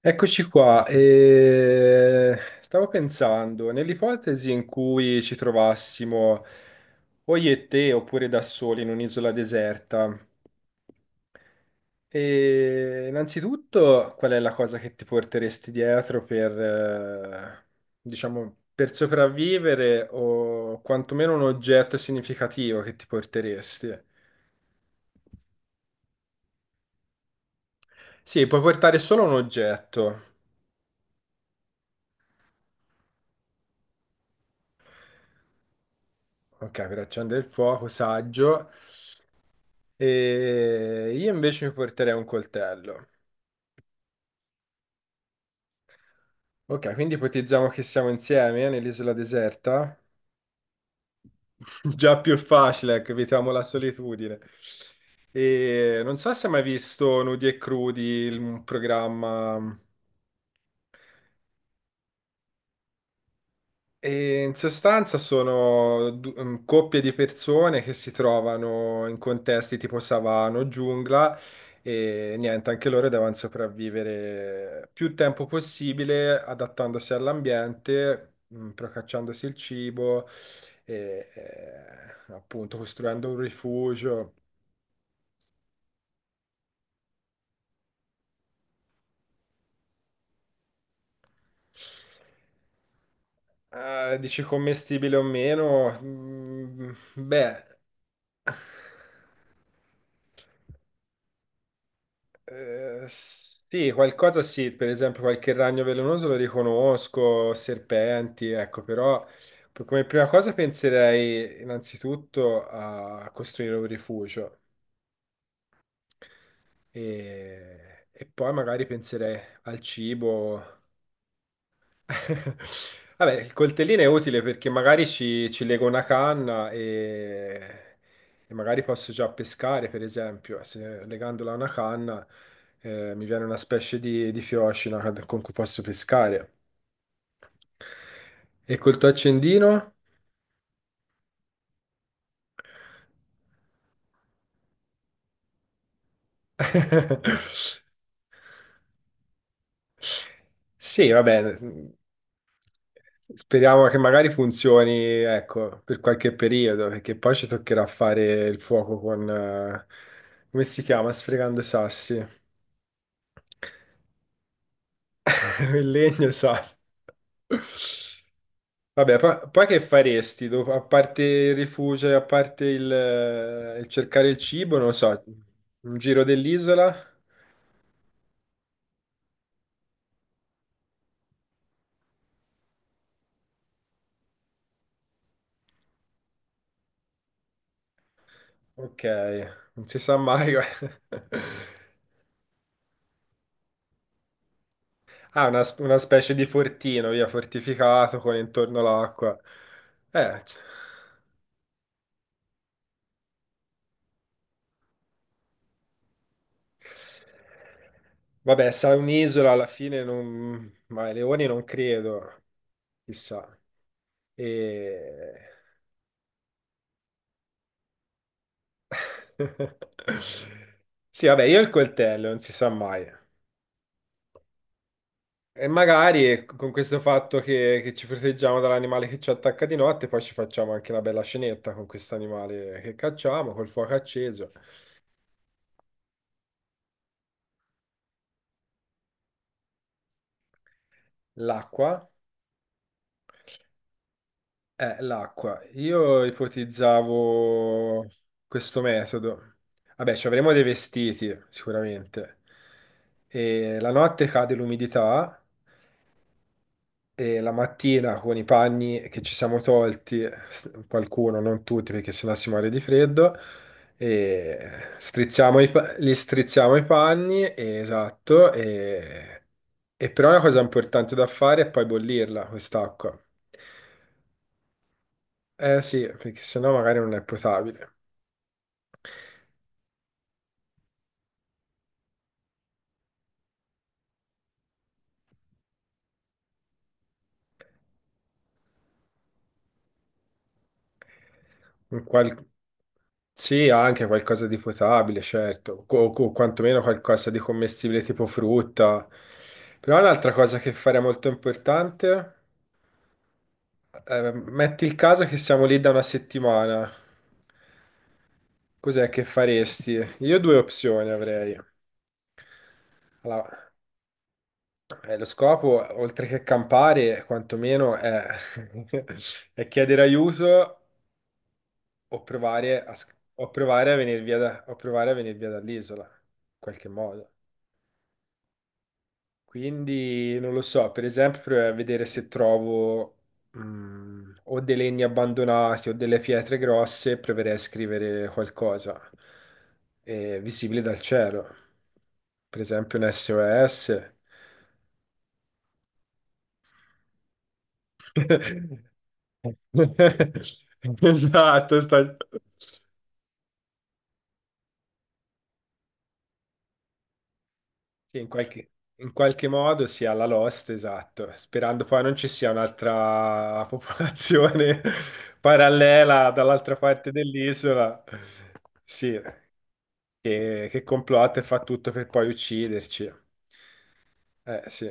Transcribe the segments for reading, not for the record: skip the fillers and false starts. Eccoci qua, e stavo pensando, nell'ipotesi in cui ci trovassimo o io e te oppure da soli in un'isola deserta, e innanzitutto qual è la cosa che ti porteresti dietro per, diciamo, per sopravvivere o quantomeno un oggetto significativo che ti porteresti? Sì, puoi portare solo un oggetto, ok, per accendere il fuoco, saggio. E io invece mi porterei un coltello. Ok, quindi ipotizziamo che siamo insieme nell'isola deserta. Già più facile, ecco, evitiamo la solitudine. E non so se hai mai visto Nudi e Crudi, un programma. E in sostanza sono coppie di persone che si trovano in contesti tipo savana o giungla e niente, anche loro devono sopravvivere più tempo possibile adattandosi all'ambiente, procacciandosi il cibo e appunto costruendo un rifugio. Dici commestibile o meno? Mm, beh. Sì, qualcosa sì, per esempio qualche ragno velenoso lo riconosco, serpenti, ecco, però come prima cosa penserei innanzitutto a costruire un rifugio e, poi magari penserei al cibo. Vabbè, il coltellino è utile perché magari ci lego una canna e magari posso già pescare, per esempio. Se legandola a una canna, mi viene una specie di fiocina con cui posso pescare. E col tuo accendino? Sì, va bene. Speriamo che magari funzioni, ecco, per qualche periodo, perché poi ci toccherà fare il fuoco con, come si chiama? Sfregando i sassi. Il legno e i sassi. Vabbè, poi, poi che faresti? A parte il rifugio, e a parte il cercare il cibo, non lo so, un giro dell'isola? Ok, non si sa mai. Ah, una specie di fortino, via, fortificato con intorno l'acqua. Eh, c- Vabbè, sarà un'isola alla fine, non... ma i leoni non credo, chissà. E... Sì, vabbè, io il coltello, non si sa mai. E magari con questo fatto che ci proteggiamo dall'animale che ci attacca di notte, poi ci facciamo anche una bella scenetta con questo animale che cacciamo, col fuoco acceso, l'acqua. L'acqua. Io ipotizzavo questo metodo. Vabbè, ci avremo dei vestiti, sicuramente. E la notte cade l'umidità e la mattina con i panni che ci siamo tolti, qualcuno, non tutti, perché sennò si muore di freddo, e strizziamo li strizziamo i panni, e- esatto, e però una cosa importante da fare è poi bollirla, quest'acqua. Eh sì, perché sennò magari non è potabile. Un qual- Sì, anche qualcosa di potabile, certo, o quantomeno qualcosa di commestibile tipo frutta. Però un'altra cosa che fare è molto importante, metti il caso che siamo lì da una settimana, cos'è che faresti? Io due opzioni avrei. Allora, lo scopo, oltre che campare, quantomeno è, è chiedere aiuto o provare o provare a venire o provare a venire via dall'isola, in qualche modo. Quindi non lo so, per esempio, provare a vedere se trovo o dei legni abbandonati o delle pietre grosse, proverei a scrivere qualcosa visibile dal cielo, per esempio un SOS. Esatto, sta... Sì, in qualche modo sia la Lost, esatto, sperando poi non ci sia un'altra popolazione parallela dall'altra parte dell'isola, sì, che complotta e fa tutto per poi ucciderci. Sì.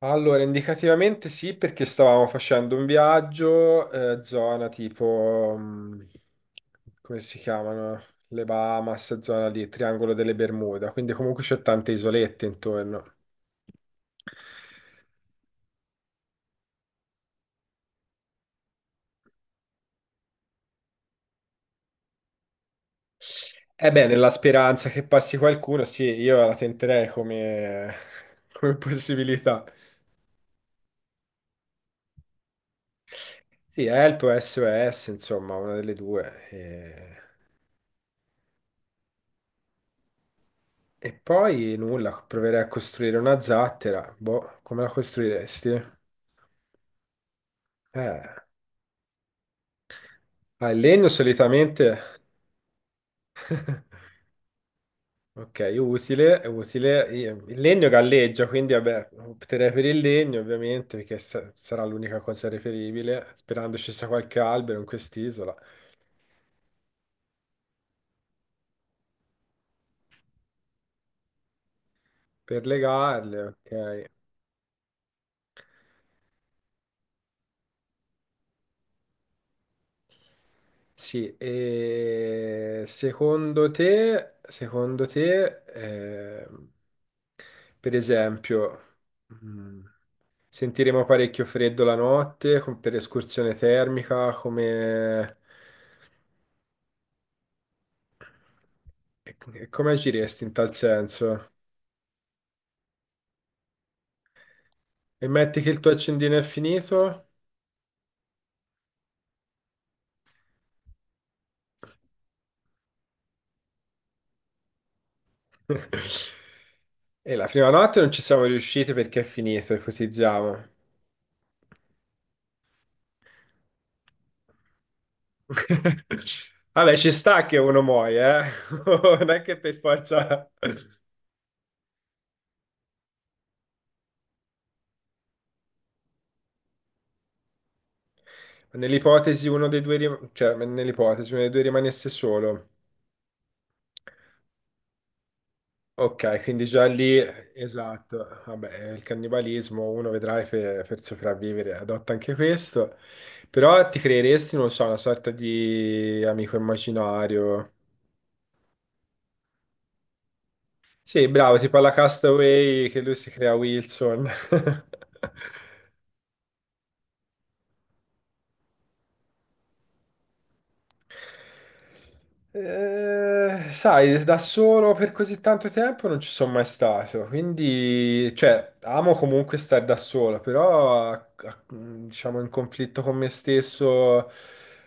Allora, indicativamente sì, perché stavamo facendo un viaggio, zona tipo, come si chiamano? Le Bahamas, zona lì, Triangolo delle Bermuda, quindi comunque c'è tante isolette intorno. Eh beh, nella speranza che passi qualcuno, sì, io la tenterei come, come possibilità. Sì, Help o SOS, insomma, una delle due. E poi nulla, proverei a costruire una zattera. Boh, come la costruiresti? Eh, ah, il legno solitamente... Ok, utile, utile. Il legno galleggia, quindi vabbè, opterei per il legno ovviamente, perché sarà l'unica cosa reperibile, sperando ci sia qualche albero in quest'isola. Per legarle, ok. Sì, e secondo te, per esempio, mm, sentiremo parecchio freddo la notte per escursione termica, come, e come agiresti in tal senso? E metti che il tuo accendino è finito? E la prima notte non ci siamo riusciti perché è finito, ipotizziamo. Vabbè, ci sta che uno muoia, eh? Non è che per forza... Nell'ipotesi uno dei due, cioè nell'ipotesi uno dei due rimanesse solo. Ok, quindi già lì, esatto. Vabbè, il cannibalismo, uno vedrai per sopravvivere, adotta anche questo. Però ti creeresti, non lo so, una sorta di amico immaginario. Sì, bravo, tipo alla Castaway che lui si crea Wilson. Sai, da solo per così tanto tempo non ci sono mai stato, quindi, cioè, amo comunque stare da solo, però, diciamo, in conflitto con me stesso,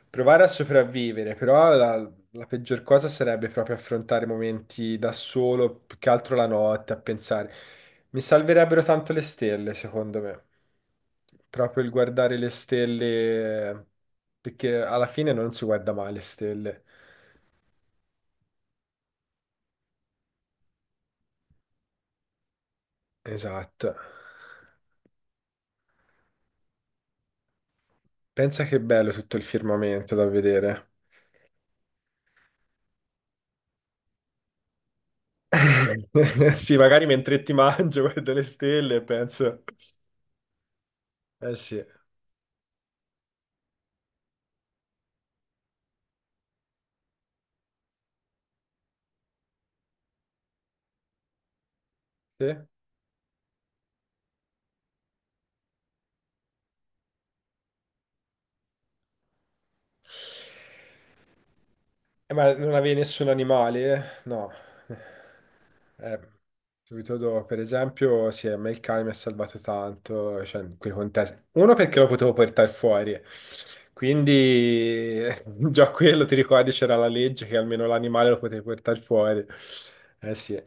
provare a sopravvivere, però la peggior cosa sarebbe proprio affrontare momenti da solo, più che altro la notte, a pensare. Mi salverebbero tanto le stelle, secondo me. Proprio il guardare le stelle, perché alla fine non si guarda mai le stelle. Esatto. Pensa che bello tutto il firmamento da vedere. Sì, magari mentre ti mangio guardo le stelle e penso... Eh sì. Sì. Ma non avevi nessun animale? Eh? No. Eh, subito dopo, per esempio, sì, a me il cane mi ha salvato tanto, cioè, in quei contesti. Uno perché lo potevo portare fuori, quindi già quello, ti ricordi, c'era la legge che almeno l'animale lo potevi portare fuori. Eh sì.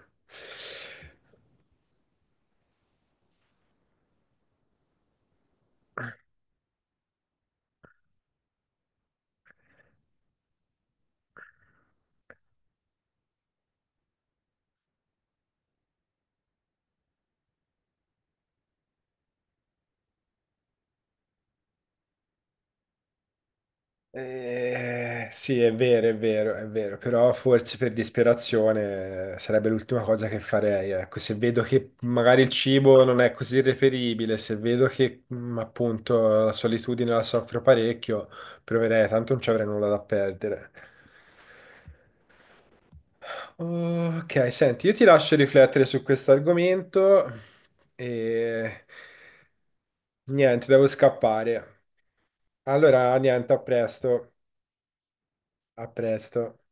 Sì, è vero, è vero, è vero, però forse per disperazione sarebbe l'ultima cosa che farei. Ecco, se vedo che magari il cibo non è così reperibile, se vedo che appunto la solitudine la soffro parecchio, proverei, tanto non ci avrei nulla da perdere. Ok, senti, io ti lascio riflettere su questo argomento e niente, devo scappare. Allora, niente, a presto, a presto.